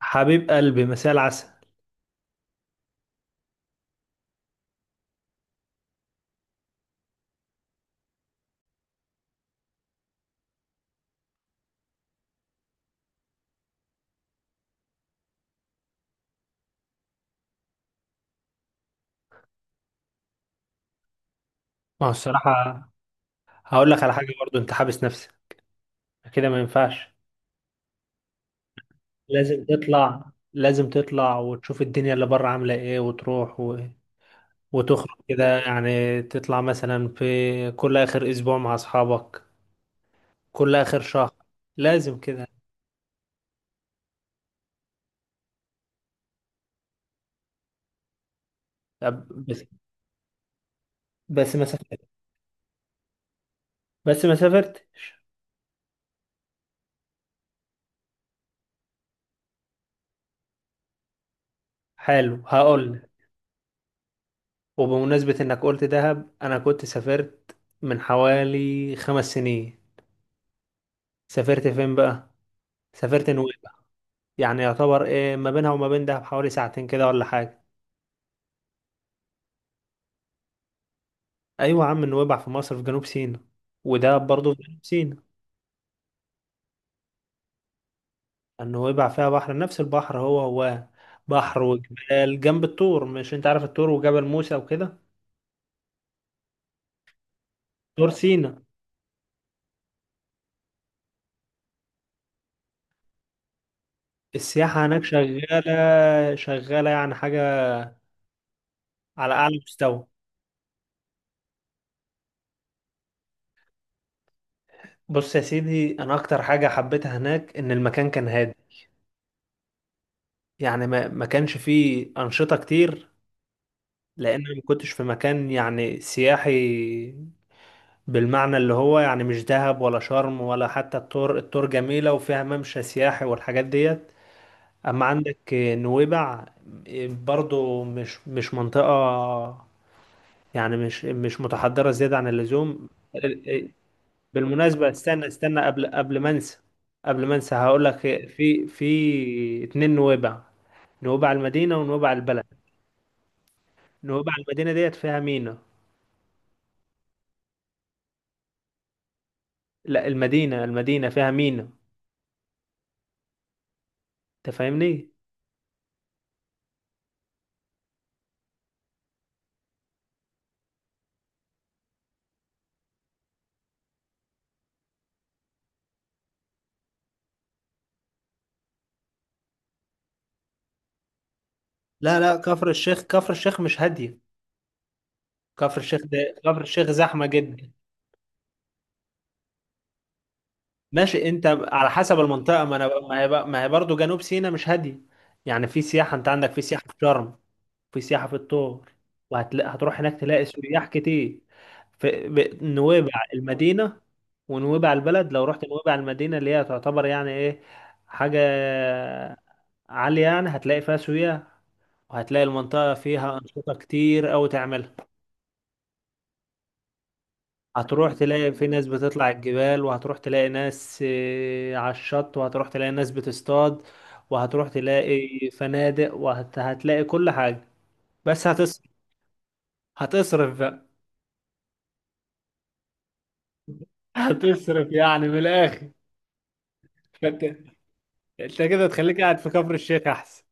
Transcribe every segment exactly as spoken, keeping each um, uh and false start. حبيب قلبي، مساء العسل. ما هو الصراحة، هقول لك على حاجة. برضو انت حابس نفسك كده، ما ينفعش. لازم تطلع، لازم تطلع وتشوف الدنيا اللي بره عاملة ايه وتروح و... وتخرج كده. يعني تطلع مثلا في كل آخر أسبوع مع أصحابك، كل آخر شهر. لازم كده. طب بس، بس ما سافرت، بس ما سافرتش. حلو، هقول لك. وبمناسبة انك قلت دهب، انا كنت سافرت من حوالي خمس سنين. سافرت فين بقى؟ سافرت نويبع. يعني يعتبر ايه ما بينها وما بين دهب حوالي ساعتين كده ولا حاجة. ايوه يا عم، نويبع في مصر، في جنوب سيناء. وده برضه في جنوب سيناء. النويبع فيها بحر، نفس البحر هو هو. بحر وجبال جنب الطور. مش انت عارف الطور وجبل موسى وكده؟ طور سيناء. السياحة هناك شغالة شغالة، يعني حاجة على أعلى مستوى. بص يا سيدي، أنا أكتر حاجة حبيتها هناك إن المكان كان هادي. يعني ما, ما كانش فيه أنشطة كتير، لأن أنا ما كنتش في مكان يعني سياحي بالمعنى اللي هو. يعني مش دهب ولا شرم ولا حتى الطور. الطور جميلة وفيها ممشى سياحي والحاجات ديت. أما عندك نويبع، برضو مش مش منطقة، يعني مش مش متحضرة زيادة عن اللزوم. بالمناسبة استنى استنى، قبل قبل ما انسى، قبل ما انسى هقول لك. في في اتنين نويبع: نويبع المدينة ونويبع البلد. نويبع المدينة ديت فيها مينا. لا، المدينة، المدينة فيها مينا. تفهمني؟ لا لا، كفر الشيخ كفر الشيخ مش هادية. كفر الشيخ ده، كفر الشيخ زحمة جدا. ماشي، انت على حسب المنطقة. ما انا ما هي بقى- ما هي برضه جنوب سيناء مش هادية. يعني في سياحة، انت عندك في سياحة في شرم، في سياحة في الطور. وهتلاقي، هتروح هناك تلاقي سياح كتير في ب- نويبع المدينة ونويبع البلد. لو رحت نويبع المدينة اللي هي تعتبر يعني ايه حاجة عالية، يعني هتلاقي فيها سياح، وهتلاقي المنطقة فيها أنشطة كتير أوي تعملها. هتروح تلاقي في ناس بتطلع الجبال، وهتروح تلاقي ناس آه، على الشط، وهتروح تلاقي ناس بتصطاد، وهتروح تلاقي فنادق وهتلاقي كل حاجة. بس هتصرف. هتصرف بقى. هتصرف يعني من الآخر. فانت، انت كده تخليك قاعد في كفر الشيخ أحسن.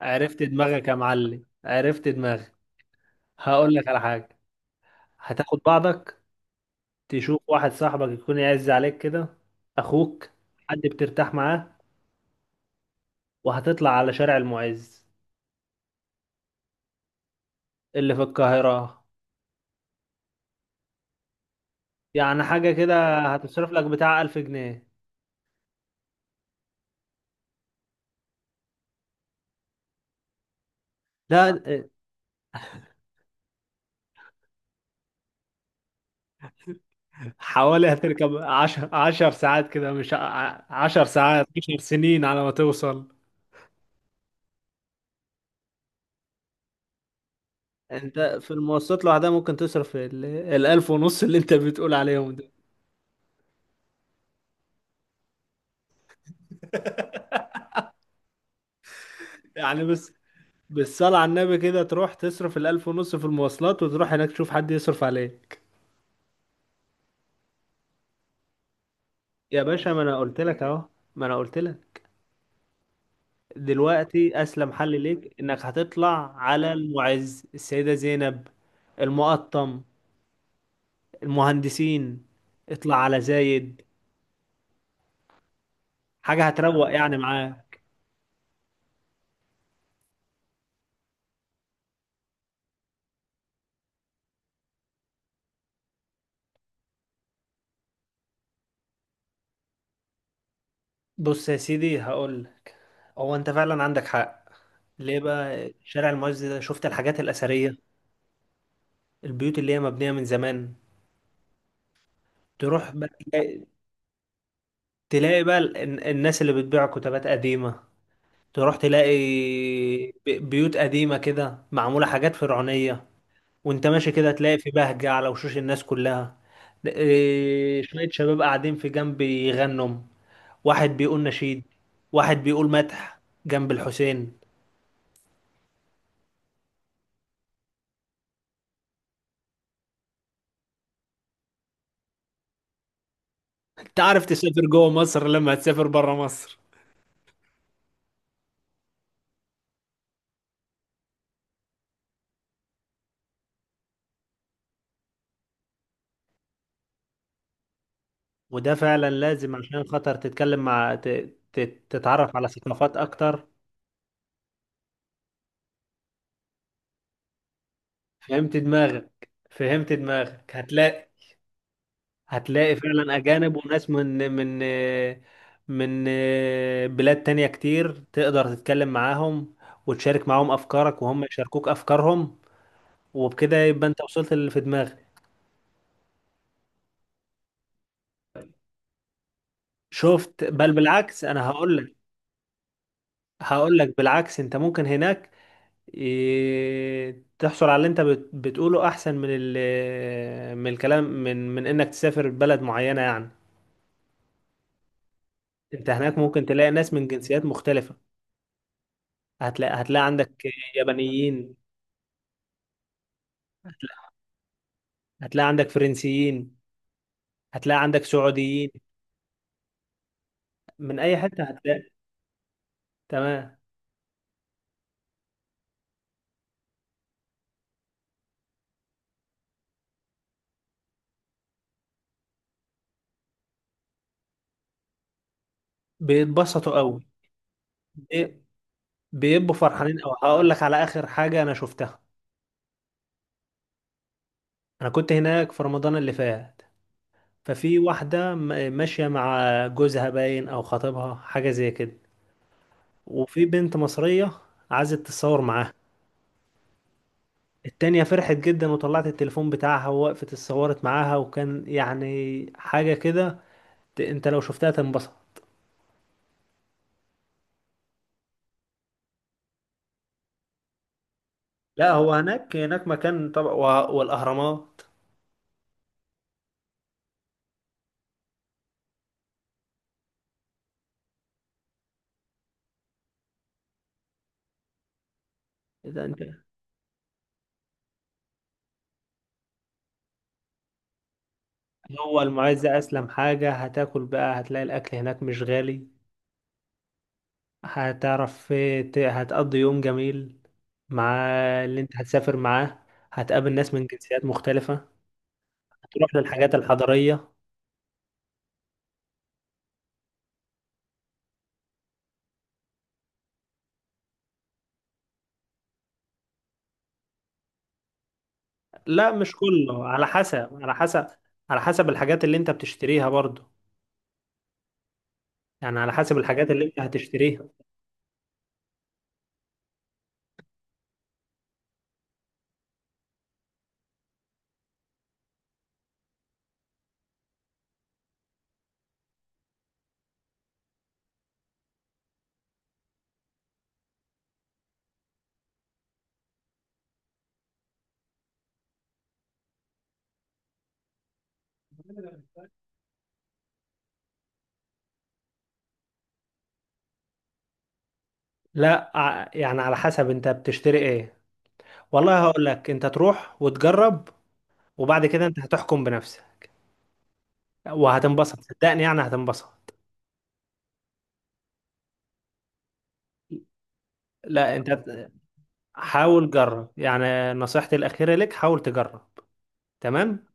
عرفت دماغك يا معلم، عرفت دماغك. هقول لك على حاجة، هتاخد بعضك. تشوف واحد صاحبك يكون يعز عليك كده، أخوك، حد بترتاح معاه، وهتطلع على شارع المعز اللي في القاهرة. يعني حاجة كده، هتصرف لك بتاع ألف جنيه. لا، حوالي هتركب عشر عشر ساعات كده. مش ع- عشر ساعات، عشر سنين على ما توصل. انت في المواصلات لوحدها ممكن تصرف ال- الألف ونص اللي انت بتقول عليهم ده، يعني بس. بالصلاة على النبي كده تروح تصرف الألف ونص في المواصلات، وتروح هناك تشوف حد يصرف عليك. يا باشا، ما أنا قلت لك أهو، ما أنا قلت لك. دلوقتي اسلم حل ليك انك هتطلع على المعز، السيدة زينب، المقطم، المهندسين. اطلع على زايد. حاجة هتروق يعني معاه. بص يا سيدي، هقول لك. هو انت فعلا عندك حق. ليه بقى شارع المعز ده؟ شفت الحاجات الأثرية، البيوت اللي هي مبنية من زمان. تروح بقى تلاقي، تلاقي بقى ال- الناس اللي بتبيع كتابات قديمة. تروح تلاقي بي- بيوت قديمة كده معمولة حاجات فرعونية. وانت ماشي كده تلاقي في بهجة على وشوش الناس كلها. إيه، شوية شباب قاعدين في جنب يغنوا، واحد بيقول نشيد، واحد بيقول مدح جنب الحسين. انت عارف تسافر جوه مصر لما هتسافر بره مصر. وده فعلا لازم، عشان خاطر تتكلم مع ت... ت... تتعرف على ثقافات اكتر. فهمت دماغك، فهمت دماغك. هتلاقي، هتلاقي فعلا أجانب وناس من من من بلاد تانية كتير تقدر تتكلم معاهم وتشارك معاهم أفكارك وهم يشاركوك أفكارهم. وبكده يبقى أنت وصلت اللي في دماغك. شفت؟ بل بالعكس، أنا هقول لك. هقول لك بالعكس، أنت ممكن هناك إيه، تحصل على اللي أنت بت- بتقوله أحسن من ال- من الكلام، من من إنك تسافر بلد معينة يعني. أنت هناك ممكن تلاقي ناس من جنسيات مختلفة. هتلاقي هتلاقي عندك يابانيين، هتلاقي عندك فرنسيين، هتلاقي عندك سعوديين. من اي حته هتلاقي. تمام. بيتبسطوا قوي. بي- بيبقوا فرحانين قوي. هقول لك على اخر حاجه انا شفتها. انا كنت هناك في رمضان اللي فات. ففي واحده م- ماشيه مع جوزها باين او خطيبها حاجه زي كده، وفي بنت مصريه عايزه تتصور معاها. التانية فرحت جدا وطلعت التليفون بتاعها ووقفت اتصورت معاها، وكان يعني حاجة كده. ت- انت لو شفتها تنبسط. لا، هو هناك، هناك مكان طبعا، وه- والاهرامات. اذا انت، هو المعزة اسلم حاجة. هتاكل بقى، هتلاقي الاكل هناك مش غالي. هتعرف، ت- هتقضي يوم جميل مع اللي انت هتسافر معاه. هتقابل ناس من جنسيات مختلفة. هتروح للحاجات الحضارية. لا، مش كله، على حسب. على حسب على حسب الحاجات اللي انت بتشتريها برضو. يعني على حسب الحاجات اللي انت هتشتريها. لا ع- يعني على حسب انت بتشتري ايه. والله هقول لك، انت تروح وتجرب، وبعد كده انت هتحكم بنفسك. وهتنبسط صدقني، يعني هتنبسط. لا انت، حاول جرب، يعني نصيحتي الأخيرة لك حاول تجرب. تمام.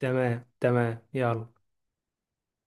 تمام تمام يلا.